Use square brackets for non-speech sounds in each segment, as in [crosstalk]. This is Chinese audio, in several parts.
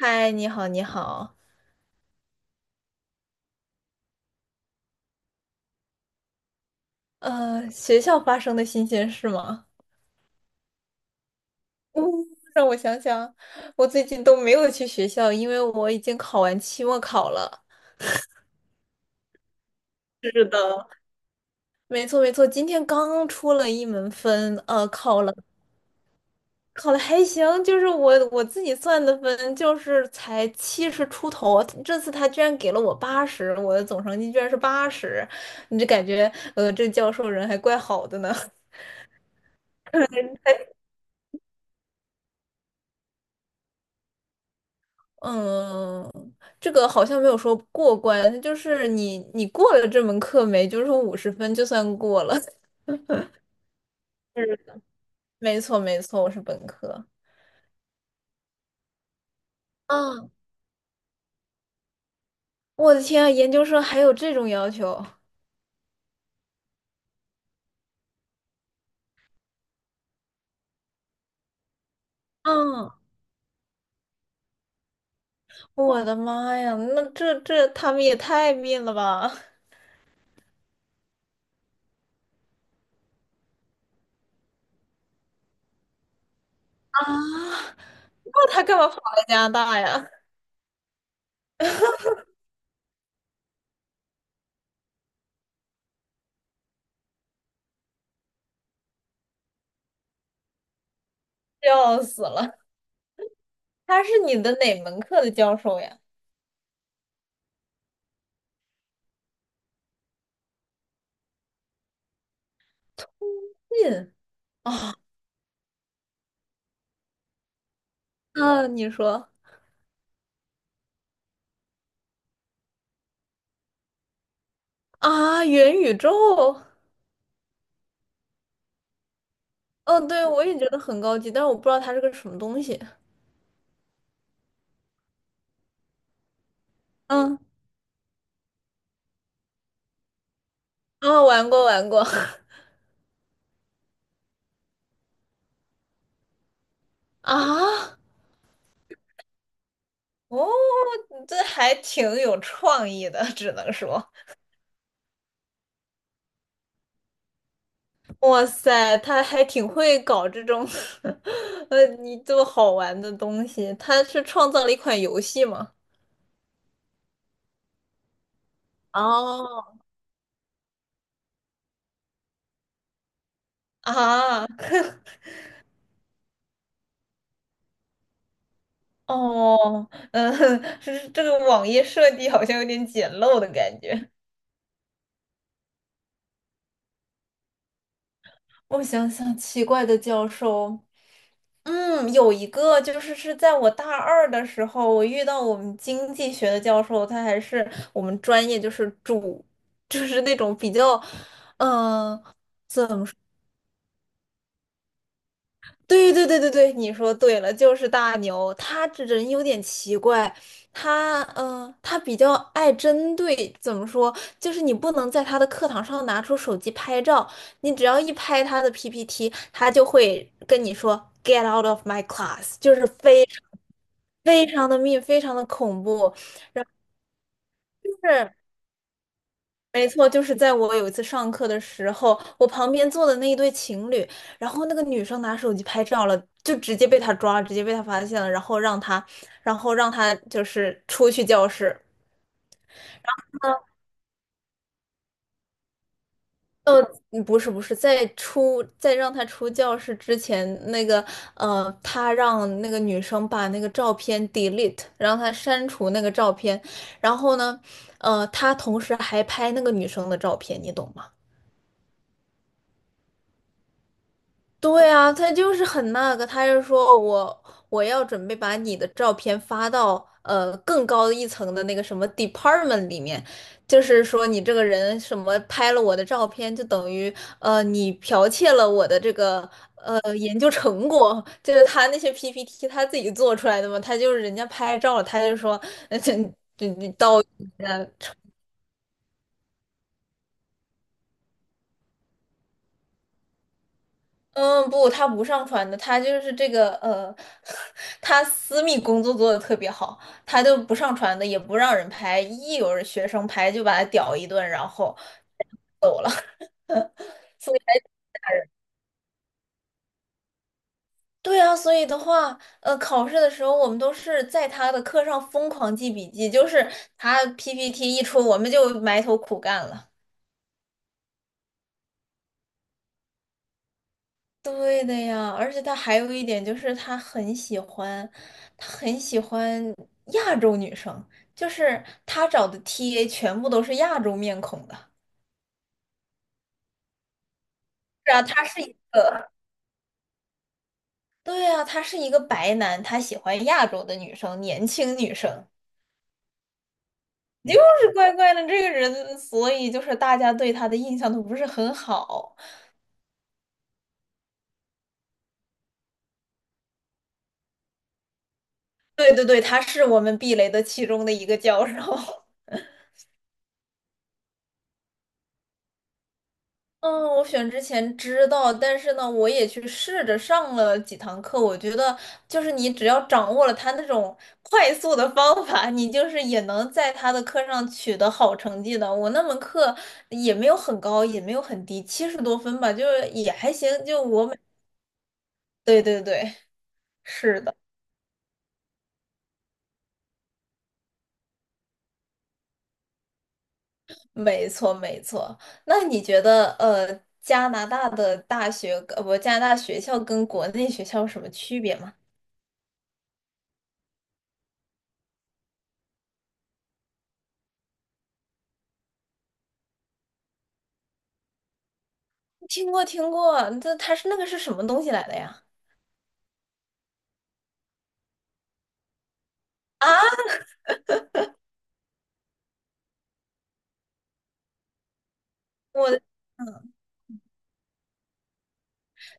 嗨，你好，你好。学校发生的新鲜事吗？嗯 [laughs]，让我想想，我最近都没有去学校，因为我已经考完期末考了。是的。没错，没错，今天刚出了一门分，考了，考的还行，就是我自己算的分，就是才七十出头。这次他居然给了我八十，我的总成绩居然是八十，你就感觉，这教授人还怪好的呢。[laughs] 嗯，这个好像没有说过关，它就是你过了这门课没，就是说五十分就算过了。[laughs] 是没错没错，我是本科。嗯，我的天啊，研究生还有这种要求？嗯，我的妈呀，那这他们也太命了吧！啊，[laughs] 那他干嘛跑到加拿大呀？[laughs] 笑死了！他是你的哪门课的教授呀？嗯，啊，你说啊，元宇宙。嗯，对，我也觉得很高级，但是我不知道它是个什么东西。嗯，啊、玩过玩过 [laughs] 啊，哦，这还挺有创意的，只能说，哇塞，他还挺会搞这种，[laughs] 你这么好玩的东西，他是创造了一款游戏吗？哦，啊，哦，嗯，[laughs] 是这个网页设计好像有点简陋的感觉。我想想，奇怪的教授，嗯，有一个就是在我大二的时候，我遇到我们经济学的教授，他还是我们专业就是主，就是那种比较，嗯、怎么？对对对对对，你说对了，就是大牛，他这人有点奇怪，他嗯、他比较爱针对，怎么说，就是你不能在他的课堂上拿出手机拍照，你只要一拍他的 PPT，他就会跟你说 "Get out of my class"，就是非常非常的密，非常的恐怖。就是。没错，就是在我有一次上课的时候，我旁边坐的那一对情侣，然后那个女生拿手机拍照了，就直接被他抓了直接被他发现了，然后让他，然后让他就是出去教室。呃，不是，在出在让他出教室之前，那个他让那个女生把那个照片 delete，让他删除那个照片，然后呢，他同时还拍那个女生的照片，你懂吗？对啊，他就是很那个，他就说哦我要准备把你的照片发到更高一层的那个什么 department 里面，就是说你这个人什么拍了我的照片，就等于你剽窃了我的这个研究成果，就是他那些 PPT 他自己做出来的嘛，他就是人家拍照了他就说 [laughs] 呃嗯，不，他不上传的，他就是这个[laughs] 他私密工作做的特别好，他就不上传的，也不让人拍，一有人学生拍就把他屌一顿，然后 [laughs] 走了。[laughs] 所以对啊，所以的话，考试的时候我们都是在他的课上疯狂记笔记，就是他 PPT 一出，我们就埋头苦干了。对的呀，而且他还有一点就是他很喜欢，他很喜欢亚洲女生，就是他找的 TA 全部都是亚洲面孔的。是啊，他是一，对啊，他是一个白男，他喜欢亚洲的女生，年轻女生，就是怪怪的这个人，所以就是大家对他的印象都不是很好。对对对，他是我们避雷的其中的一个教授。嗯，我选之前知道，但是呢，我也去试着上了几堂课。我觉得，就是你只要掌握了他那种快速的方法，你就是也能在他的课上取得好成绩的。我那门课也没有很高，也没有很低，七十多分吧，就是也还行。就我每，对对对，是的，没错没错。那你觉得，加拿大的大学，不，加拿大学校跟国内学校有什么区别吗？听过听过，这他是那个是什么东西来的呀？啊，[laughs] 我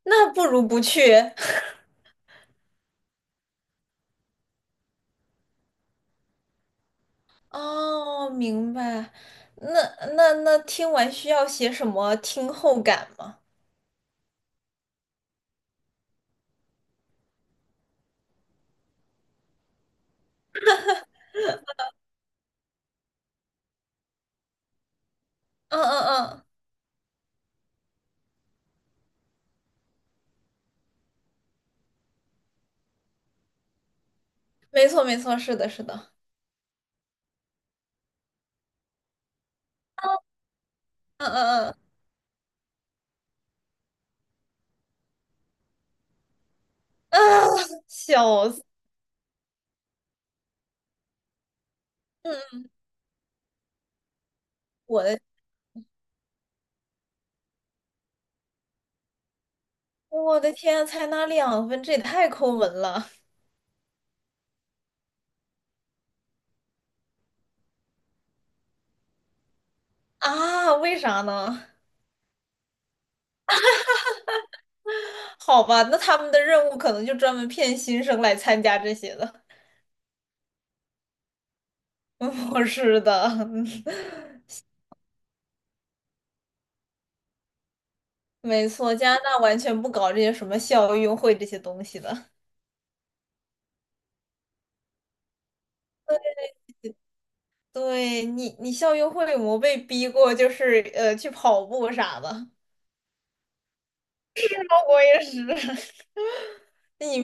那不如不去。[laughs] 哦，明白。那那那听完需要写什么听后感吗？嗯嗯嗯，没错没错，是的是的。嗯嗯嗯，啊，笑死！嗯，我的我的天啊，才拿两分，这也太抠门了啊！为啥呢？好吧，那他们的任务可能就专门骗新生来参加这些的。[laughs] 不是的。[laughs] 没错，加拿大完全不搞这些什么校运会这些东西的。对你，你校运会有没有被逼过？就是去跑步啥的。[laughs] 我也是，[laughs] 你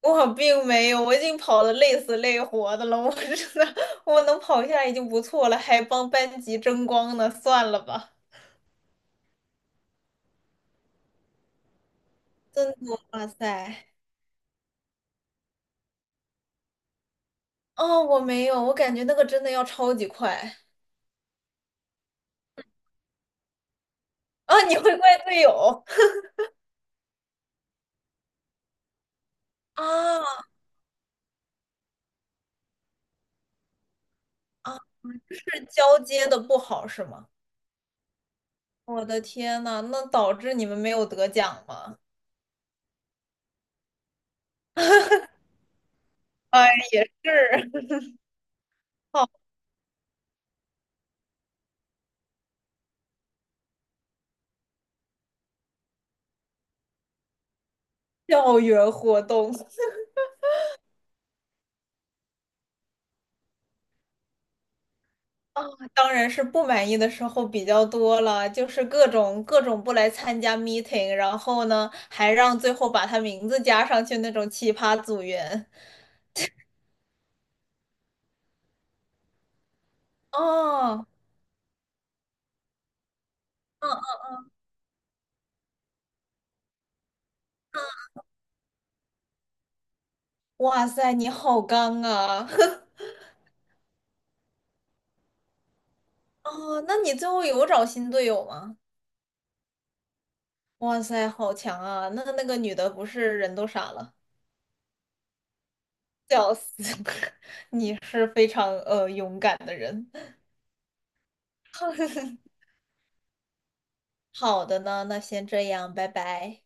我并没有，我已经跑得累死累活的了。我真的，我能跑下来已经不错了，还帮班级争光呢，算了吧。真的，哇塞！哦，我没有，我感觉那个真的要超级快啊！你会怪队友 [laughs] 啊啊？是交接的不好是吗？我的天呐，那导致你们没有得奖吗？哎，也是 [laughs] 好，校园活动 [laughs] 啊，当然是不满意的时候比较多了，就是各种各种不来参加 meeting，然后呢，还让最后把他名字加上去那种奇葩组员。哦，嗯，哇塞，你好刚啊！[laughs] 哦，那你最后有找新队友吗？哇塞，好强啊！那那个女的不是人都傻了。笑死！[laughs] 你是非常勇敢的人。[laughs] 好的呢，那先这样，拜拜。